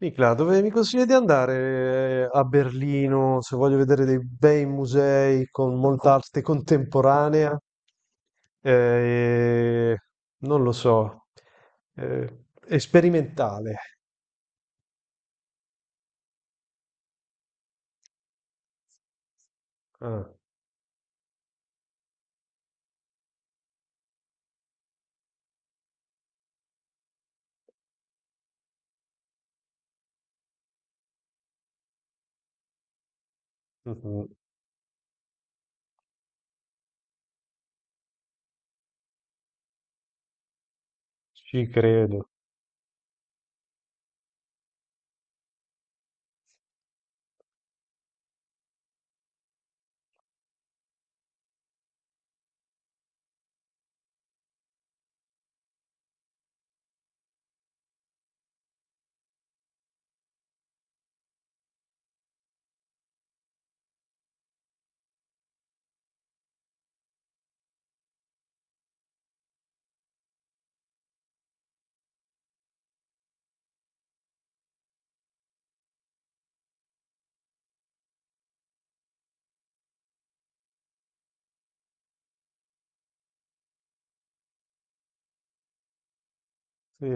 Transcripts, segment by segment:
Nicla, dove mi consigli di andare a Berlino se voglio vedere dei bei musei con molta arte contemporanea? Eh, Non lo so, esperimentale. Ah, mhm. Ci credo. Sì.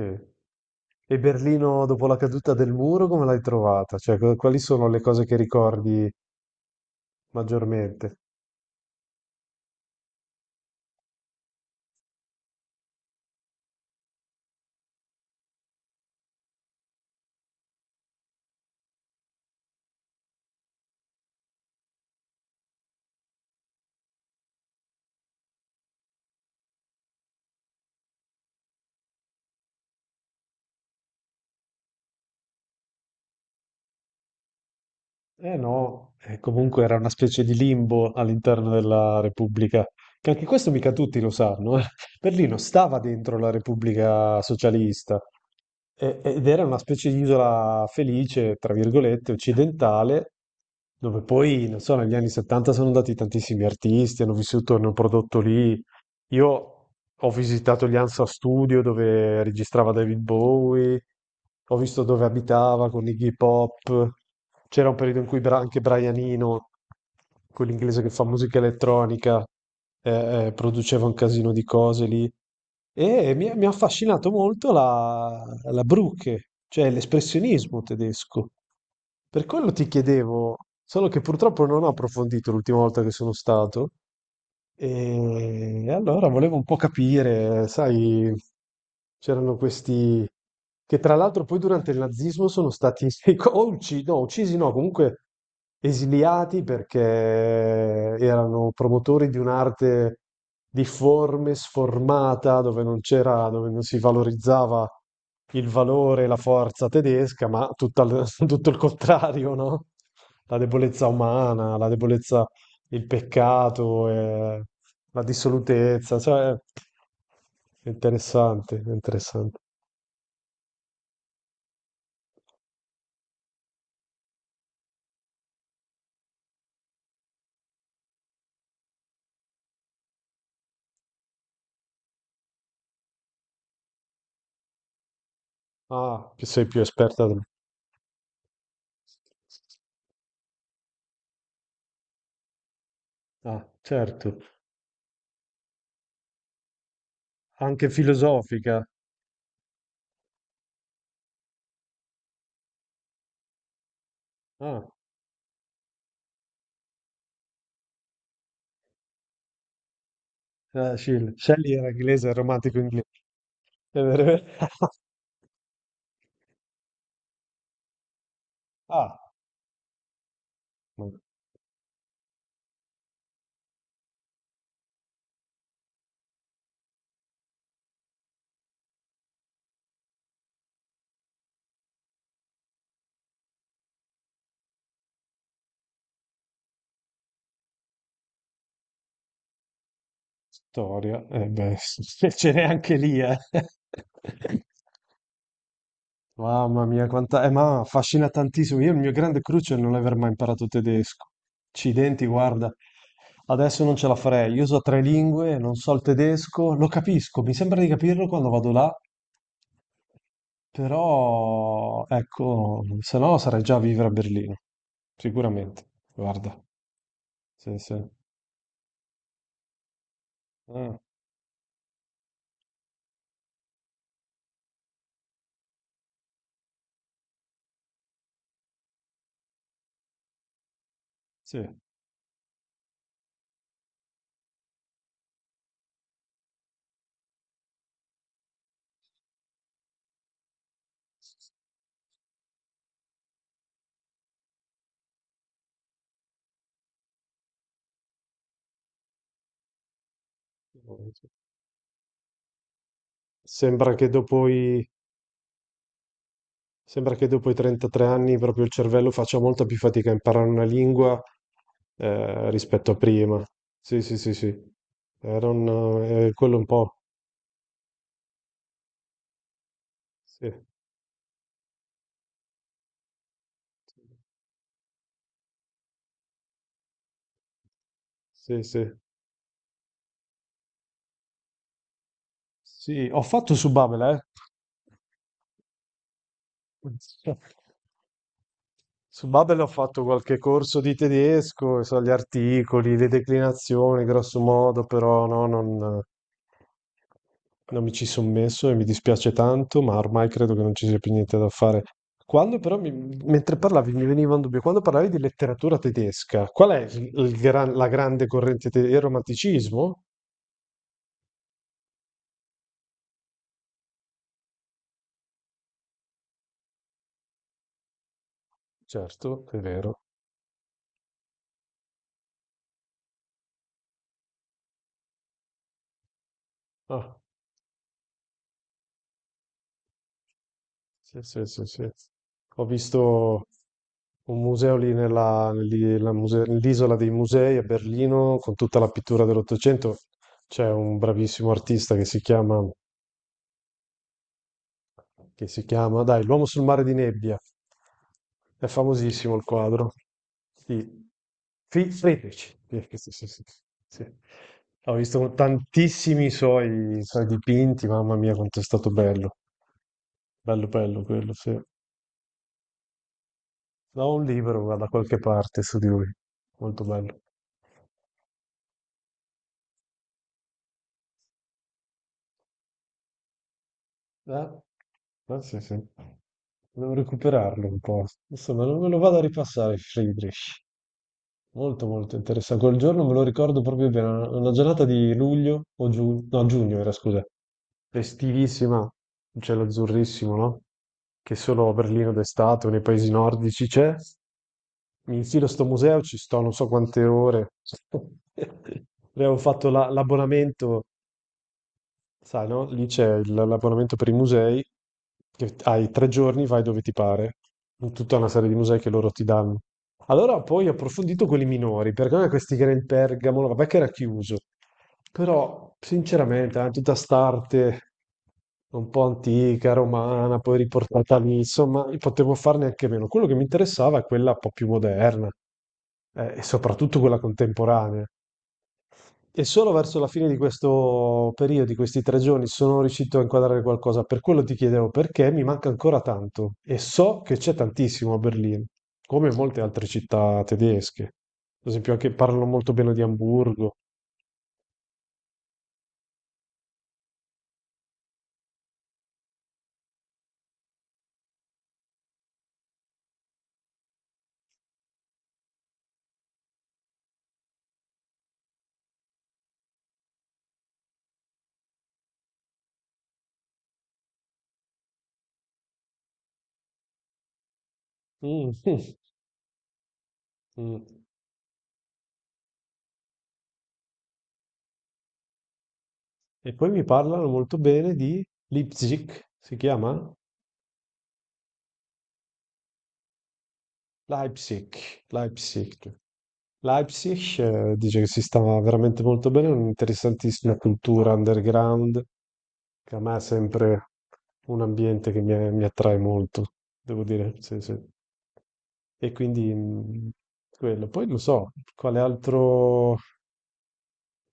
E Berlino dopo la caduta del muro, come l'hai trovata? Cioè, quali sono le cose che ricordi maggiormente? Eh no, comunque era una specie di limbo all'interno della Repubblica, che anche questo mica tutti lo sanno, eh. Berlino stava dentro la Repubblica Socialista ed era una specie di isola felice, tra virgolette, occidentale, dove poi, non so, negli anni 70 sono andati tantissimi artisti, hanno vissuto, hanno prodotto lì. Io ho visitato gli Hansa Studio dove registrava David Bowie, ho visto dove abitava con Iggy Pop. C'era un periodo in cui anche Brian Eno, quell'inglese che fa musica elettronica, produceva un casino di cose lì. E mi ha affascinato molto la Brücke, cioè l'espressionismo tedesco. Per quello ti chiedevo, solo che purtroppo non ho approfondito l'ultima volta che sono stato, e allora volevo un po' capire, sai, c'erano questi che tra l'altro poi durante il nazismo sono stati o uccisi no, comunque esiliati perché erano promotori di un'arte difforme, sformata, dove non c'era, dove non si valorizzava il valore e la forza tedesca, ma tutto il contrario, no? La debolezza umana, la debolezza, il peccato, e la dissolutezza, cioè è interessante, è interessante. Ah, che sei più esperta di me. Ah, certo, anche filosofica. Ah, Shelley era inglese, era romantico inglese. È vero- Ah, ma storia, eh beh, ce n'è anche lì, eh. Mamma mia, quanta... ma affascina tantissimo. Io il mio grande cruccio è non aver mai imparato tedesco. Accidenti, guarda. Adesso non ce la farei. Io so tre lingue, non so il tedesco, lo capisco, mi sembra di capirlo quando vado là, però ecco, se no sarei già a vivere a Berlino, sicuramente. Guarda, sì, sì. Ah, sì. Sembra che dopo i Sembra che dopo i 33 anni proprio il cervello faccia molta più fatica a imparare una lingua, rispetto a prima. Sì, sì, sì, sì. Era un, quello un po'. Sì, sì, sì. Sì, ho fatto su Babel, eh. Su Babel ho fatto qualche corso di tedesco, e so gli articoli, le declinazioni, grosso modo, però non mi ci sono messo e mi dispiace tanto, ma ormai credo che non ci sia più niente da fare. Quando però, mentre parlavi, mi veniva un dubbio, quando parlavi di letteratura tedesca, qual è la grande corrente tedesca? Il romanticismo? Certo, è vero. Ah. Sì, sì, sì, sì. Ho visto un museo lì nella, lì- la muse- nell'isola dei musei a Berlino con tutta la pittura dell'Ottocento. C'è un bravissimo artista che si chiama, dai, L'uomo sul mare di nebbia. È famosissimo il quadro. Sì. Friedrich. Sì, sì, sì, sì, sì. Sì. Ho visto tantissimi suoi dipinti, mamma mia, quanto è stato bello. Bello, bello quello, sì. No, un libro ma da qualche parte su di lui, molto bello. Eh? Sì, sì. Devo recuperarlo un po'. Insomma, non me lo vado a ripassare, Friedrich. Molto, molto interessante. Quel giorno me lo ricordo proprio bene. Una giornata di luglio o giugno, no, giugno era, scusa. Festivissima, un cielo azzurrissimo, no? Che solo a Berlino d'estate o nei paesi nordici c'è. Mi infilo a sto museo, ci sto non so quante ore. Abbiamo fatto l'abbonamento. Sai, no? Lì c'è l'abbonamento per i musei, che hai tre giorni, vai dove ti pare, in tutta una serie di musei che loro ti danno. Allora poi ho approfondito quelli minori, perché a me questi, che era il Pergamo, vabbè che era chiuso, però sinceramente tutta st'arte un po' antica, romana, poi riportata lì, insomma, io potevo farne anche meno. Quello che mi interessava è quella un po' più moderna, e soprattutto quella contemporanea. E solo verso la fine di questo periodo, di questi tre giorni, sono riuscito a inquadrare qualcosa. Per quello ti chiedevo, perché mi manca ancora tanto e so che c'è tantissimo a Berlino, come molte altre città tedesche. Ad esempio, anche parlano molto bene di Amburgo. Mm, mm. E poi mi parlano molto bene di Leipzig, si chiama? Leipzig, Leipzig. Leipzig, dice che si sta veramente molto bene, è un'interessantissima cultura underground che a me è sempre un ambiente che mi attrae molto, devo dire, sì, sì. E quindi quello. Poi non so, quale altro...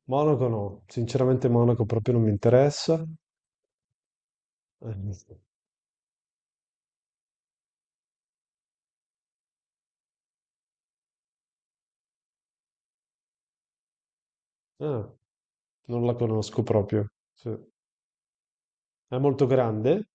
Monaco no, sinceramente Monaco proprio non mi interessa. Eh, ah, non la conosco proprio. Sì. È molto grande?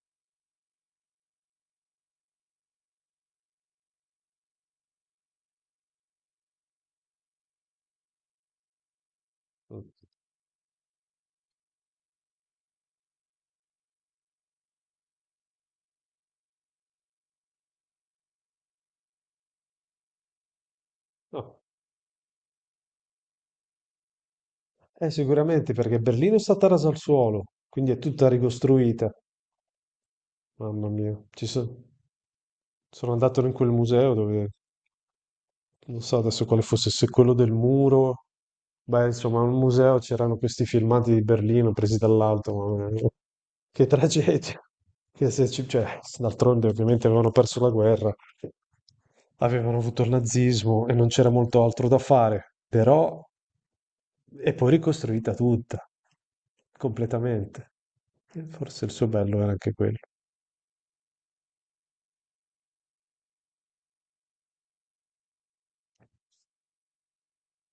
No. Sicuramente perché Berlino è stata rasa al suolo, quindi è tutta ricostruita. Mamma mia, sono andato in quel museo dove non so adesso quale fosse, se quello del muro, beh, insomma, al museo c'erano questi filmati di Berlino presi dall'alto, ma che tragedia. Che se cioè, d'altronde ovviamente avevano perso la guerra, avevano avuto il nazismo e non c'era molto altro da fare, però è poi ricostruita tutta, completamente. E forse il suo bello era anche quello.